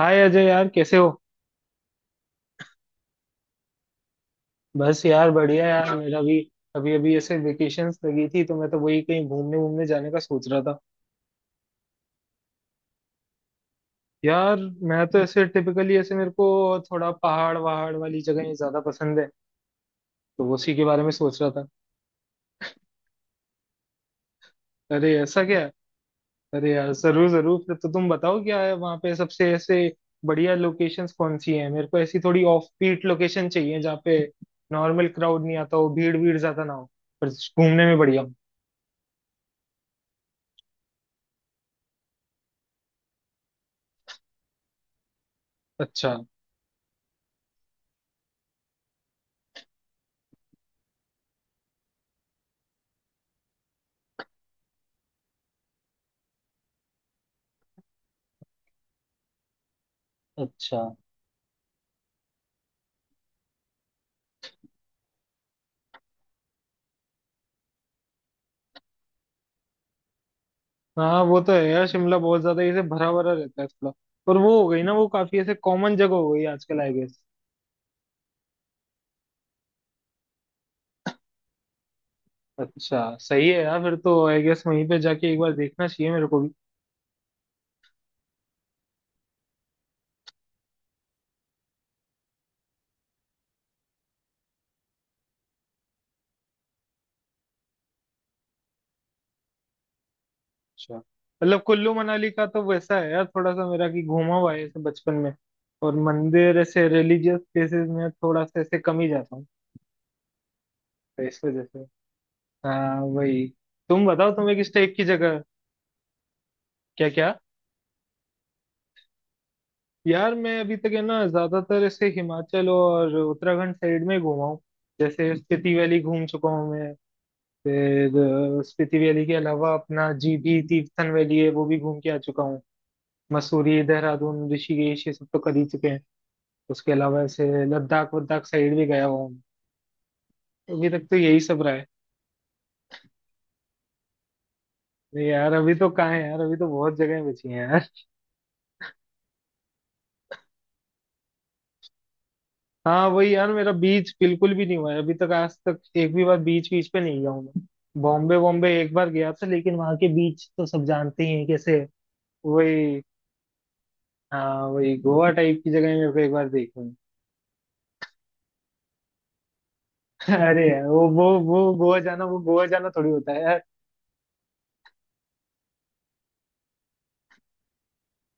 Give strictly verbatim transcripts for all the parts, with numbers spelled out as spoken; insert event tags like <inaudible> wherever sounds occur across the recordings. हाय अजय यार, कैसे हो? बस यार, बढ़िया यार, मेरा भी। अभी अभी ऐसे वेकेशंस लगी थी तो मैं तो वही कहीं घूमने घूमने जाने का सोच रहा था। यार, मैं तो ऐसे टिपिकली ऐसे मेरे को थोड़ा पहाड़ वहाड़ वाली जगह ज्यादा पसंद है तो उसी के बारे में सोच रहा था। अरे ऐसा क्या है? अरे यार, जरूर जरूर, फिर तो तुम बताओ क्या है वहाँ पे सबसे ऐसे बढ़िया लोकेशंस कौन सी हैं। मेरे को ऐसी थोड़ी ऑफ बीट लोकेशन चाहिए जहाँ पे नॉर्मल क्राउड नहीं आता हो, भीड़ भीड़ ज्यादा ना हो, पर घूमने में बढ़िया हो। अच्छा अच्छा। हाँ वो तो है यार, शिमला बहुत ज्यादा ऐसे भरा भरा रहता है थोड़ा। पर वो हो गई ना, वो काफी ऐसे कॉमन जगह हो गई आजकल, आई गेस। अच्छा, सही है यार, फिर तो आई गेस वहीं पे जाके एक बार देखना चाहिए मेरे को भी। अच्छा, मतलब कुल्लू मनाली का तो वैसा है यार, थोड़ा सा मेरा कि घूमा हुआ है ऐसे बचपन में। और मंदिर ऐसे रिलीजियस प्लेसेस में थोड़ा सा ऐसे कम ही जाता हूँ तो इस वजह से। हाँ वही, तुम बताओ तुम्हें किस टाइप की जगह। क्या क्या? यार मैं अभी तक है ना ज्यादातर ऐसे हिमाचल और उत्तराखंड साइड में घूमा हूँ। जैसे स्पीति वैली घूम चुका हूँ मैं। फिर अ, स्पीति वैली के अलावा अपना जीभी तीर्थन वैली है वो भी घूम के आ चुका हूँ। मसूरी देहरादून ऋषिकेश ये सब तो कर ही चुके हैं। उसके अलावा ऐसे लद्दाख वद्दाख साइड भी गया हुआ हूँ। अभी तक तो यही सब रहा है। नहीं यार, अभी तो कहाँ है यार, अभी तो बहुत जगह बची हैं यार। हाँ वही यार, मेरा बीच बिल्कुल भी नहीं हुआ है अभी तक, आज तक एक भी बार बीच बीच पे नहीं गया हूँ मैं। बॉम्बे बॉम्बे एक बार गया था लेकिन वहां के बीच तो सब जानते ही हैं कैसे। वही। हाँ वही, गोवा टाइप की जगह मेरे को एक बार देखनी है। <laughs> अरे यार, वो वो वो गोवा जाना, वो गोवा जाना थोड़ी होता है यार।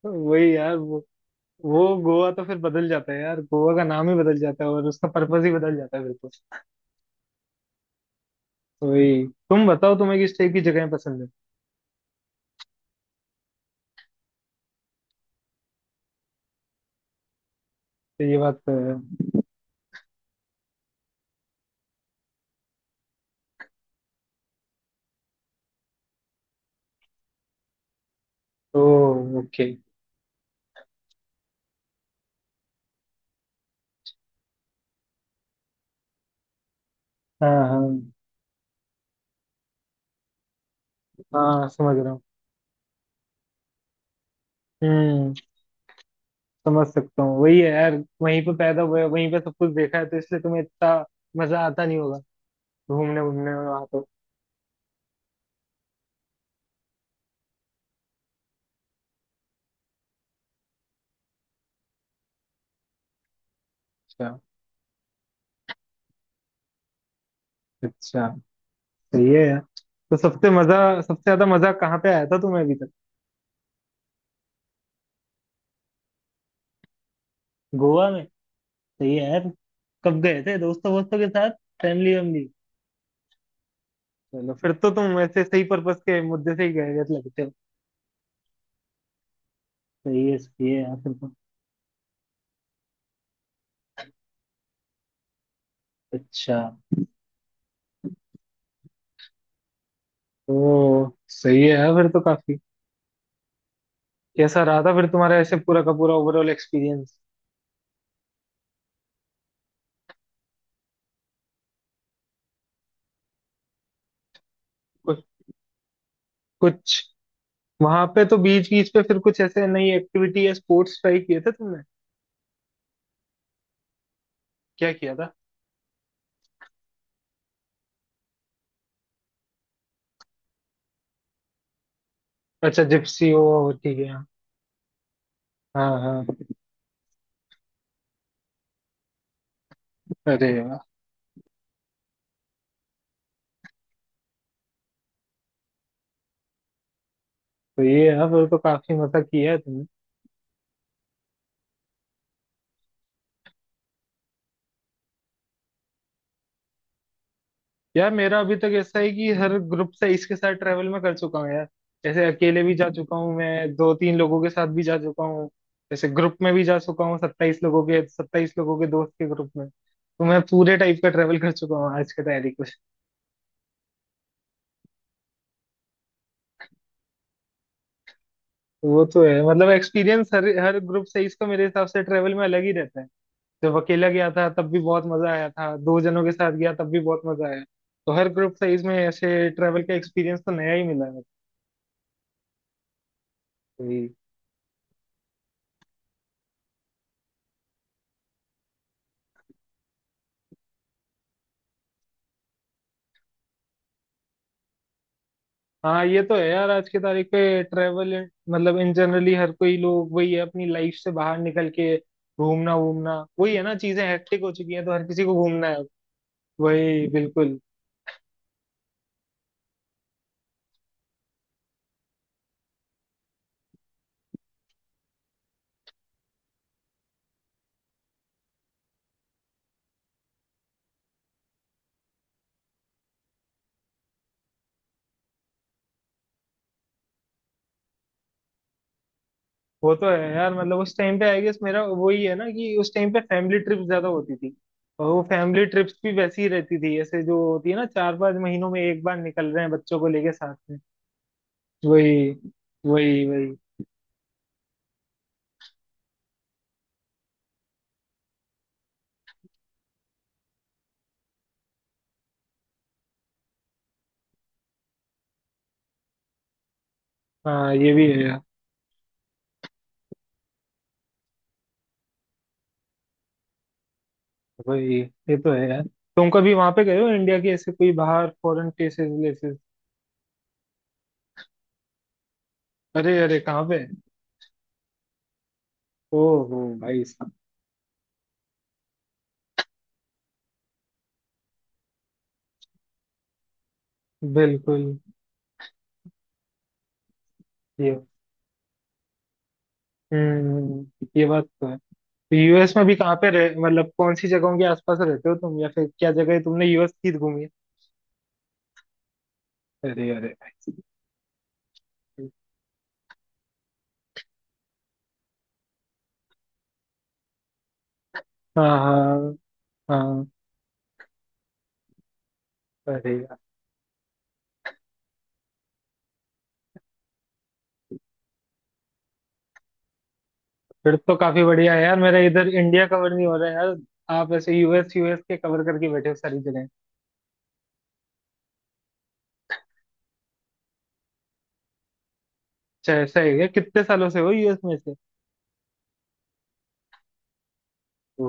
वही यार, वो वो गोवा तो फिर बदल जाता है यार, गोवा का नाम ही बदल जाता है और उसका पर्पज ही बदल जाता है फिर तो। वही, तुम बताओ तुम्हें किस टाइप की जगह पसंद है। तो ये बात तो है। ओ ओके। हाँ हाँ हाँ, समझ रहा हूँ। हम्म। समझ सकता हूँ वही है यार, वहीं पे पैदा हुए वहीं पे सब कुछ देखा है तो इसलिए तुम्हें इतना मजा आता नहीं होगा घूमने घूमने में वहां तो। अच्छा अच्छा, सही है यार, तो सबसे मजा सबसे ज्यादा मजा कहाँ पे आया था तुम्हें अभी तक? गोवा में। सही है यार, कब गए थे? दोस्तों वोस्तों के साथ? फैमिली वैमिली? चलो फिर तो तुम वैसे सही पर्पस के मुद्दे से ही गए हुए लगते हो। सही है सही है यार, फिर तो। अच्छा। ओ सही है यार, फिर तो काफी। कैसा रहा था फिर तुम्हारा ऐसे पूरा का पूरा ओवरऑल एक्सपीरियंस? कुछ कुछ। वहां पे तो बीच बीच पे फिर कुछ ऐसे नई एक्टिविटी या स्पोर्ट्स ट्राई किए थे तुमने? क्या किया था? अच्छा, जिप्सी हो और ठीक है, हाँ। हाँ हाँ। अरे वाह, तो ये है फिर तो काफी मजा किया है। यार, मेरा अभी तक ऐसा है कि हर ग्रुप से इसके साथ ट्रेवल मैं कर चुका हूँ यार। जैसे अकेले भी जा चुका हूँ मैं, दो तीन लोगों के साथ भी जा चुका हूँ, जैसे ग्रुप में भी जा चुका हूँ, सत्ताईस लोगों के सत्ताईस लोगों के दोस्त के ग्रुप में, तो मैं पूरे टाइप का ट्रेवल कर चुका हूँ आज के तारीख में। वो तो है, मतलब एक्सपीरियंस हर हर ग्रुप से इसका मेरे हिसाब से ट्रेवल में अलग ही रहता है, जब अकेला गया था तब भी बहुत मजा आया था, दो जनों के साथ गया तब भी बहुत मजा आया, तो हर ग्रुप से इसमें ऐसे ट्रेवल का एक्सपीरियंस तो नया ही मिला है। हाँ ये तो है यार, आज की तारीख पे ट्रेवल मतलब इन जनरली हर कोई लोग वही है अपनी लाइफ से बाहर निकल के घूमना घूमना वही है ना, चीजें हेक्टिक हो चुकी हैं तो हर किसी को घूमना है अब। वही बिल्कुल। वो तो है यार, मतलब उस टाइम पे आई गेस मेरा वही है ना कि उस टाइम पे फैमिली ट्रिप ज्यादा होती थी, और वो फैमिली ट्रिप्स भी वैसी ही रहती थी ऐसे जो होती है ना चार पांच महीनों में एक बार निकल रहे हैं बच्चों को लेके साथ में। वही वही वही। हाँ ये भी है। वही, ये तो है यार। तुम कभी वहां पे गए हो इंडिया के ऐसे कोई बाहर फॉरेन केसेस लेसेस? अरे अरे, कहाँ पे? ओहो भाई साहब। बिल्कुल। ये। हम्म ये बात तो है। तो यूएस में भी कहाँ पे रह मतलब कौन सी जगहों के आसपास रहते हो तुम, या फिर क्या जगह तुमने यूएस की घूमी है? अरे अरे भाई साहब। हाँ हाँ हाँ। अरे यार, फिर तो काफी बढ़िया है यार, मेरा इधर इंडिया कवर नहीं हो रहा है यार, आप ऐसे यूएस यूएस के कवर करके बैठे हो सारी जगह। अच्छा ऐसा है क्या? कितने सालों से हो यूएस में से? ओ,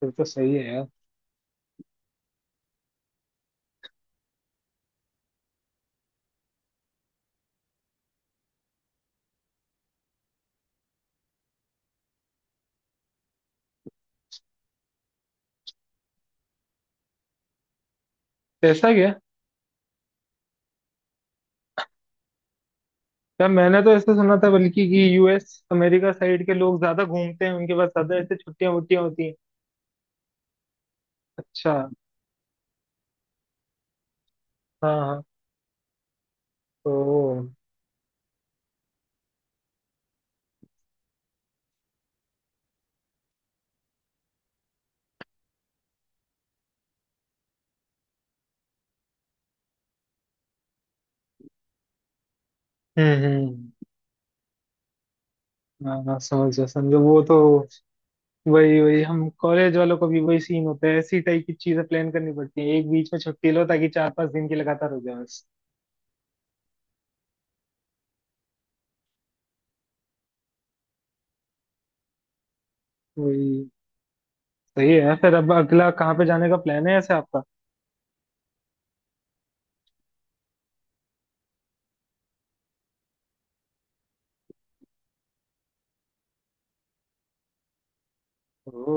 फिर तो सही है यार। कैसा गया? क्या, मैंने तो ऐसे सुना था बल्कि कि यूएस अमेरिका साइड के लोग ज्यादा घूमते हैं, उनके पास ज्यादा ऐसे छुट्टियां वुट्टियां होती हैं। अच्छा। हाँ हाँ। तो। हम्म हम्म, हाँ हाँ समझ गया समझो वो तो। वही वही, हम कॉलेज वालों को भी वही सीन होता है ऐसी टाइप की चीजें प्लान करनी पड़ती है, एक बीच में छुट्टी लो ताकि चार पांच दिन की लगातार हो जाए बस। वही, सही है, फिर अब अगला कहाँ पे जाने का प्लान है ऐसे आपका? ओ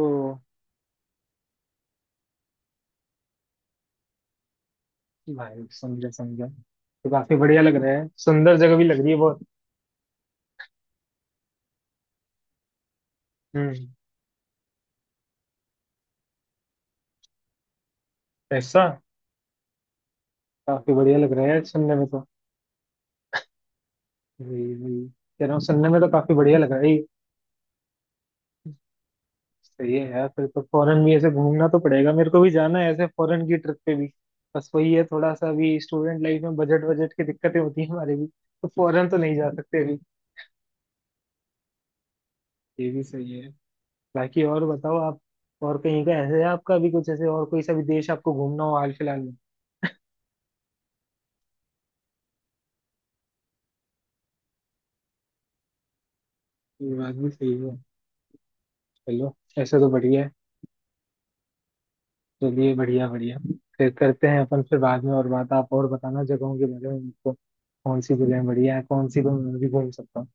भाई, समझा समझा, तो काफी बढ़िया लग रहा है, सुंदर जगह भी लग रही है बहुत। हम्म। ऐसा काफी बढ़िया लग रहा है यार सुनने में तो। जी जी, कह रहा हूँ सुनने में तो काफी बढ़िया लग रहा है ये। सही है यार, फिर तो फॉरेन भी ऐसे घूमना तो पड़ेगा मेरे को भी, जाना है ऐसे फॉरेन की ट्रिप पे भी, बस वही है थोड़ा सा अभी स्टूडेंट लाइफ में बजट बजट की दिक्कतें होती है हमारे भी, तो फॉरेन तो नहीं जा सकते अभी। ये भी सही है। बाकी और बताओ आप, और कहीं का ऐसे है आपका भी कुछ, ऐसे और कोई सा भी देश आपको घूमना हो हाल फिलहाल में? ये बात भी सही है। चलो, ऐसा तो बढ़िया है। चलिए, बढ़िया बढ़िया, फिर करते हैं अपन, फिर बाद में और बात, आप और बताना जगहों के बारे में मुझको, कौन सी जगह बढ़िया है कौन सी, तो मैं भी घूम सकता हूँ।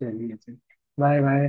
चलिए चलिए, बाय बाय।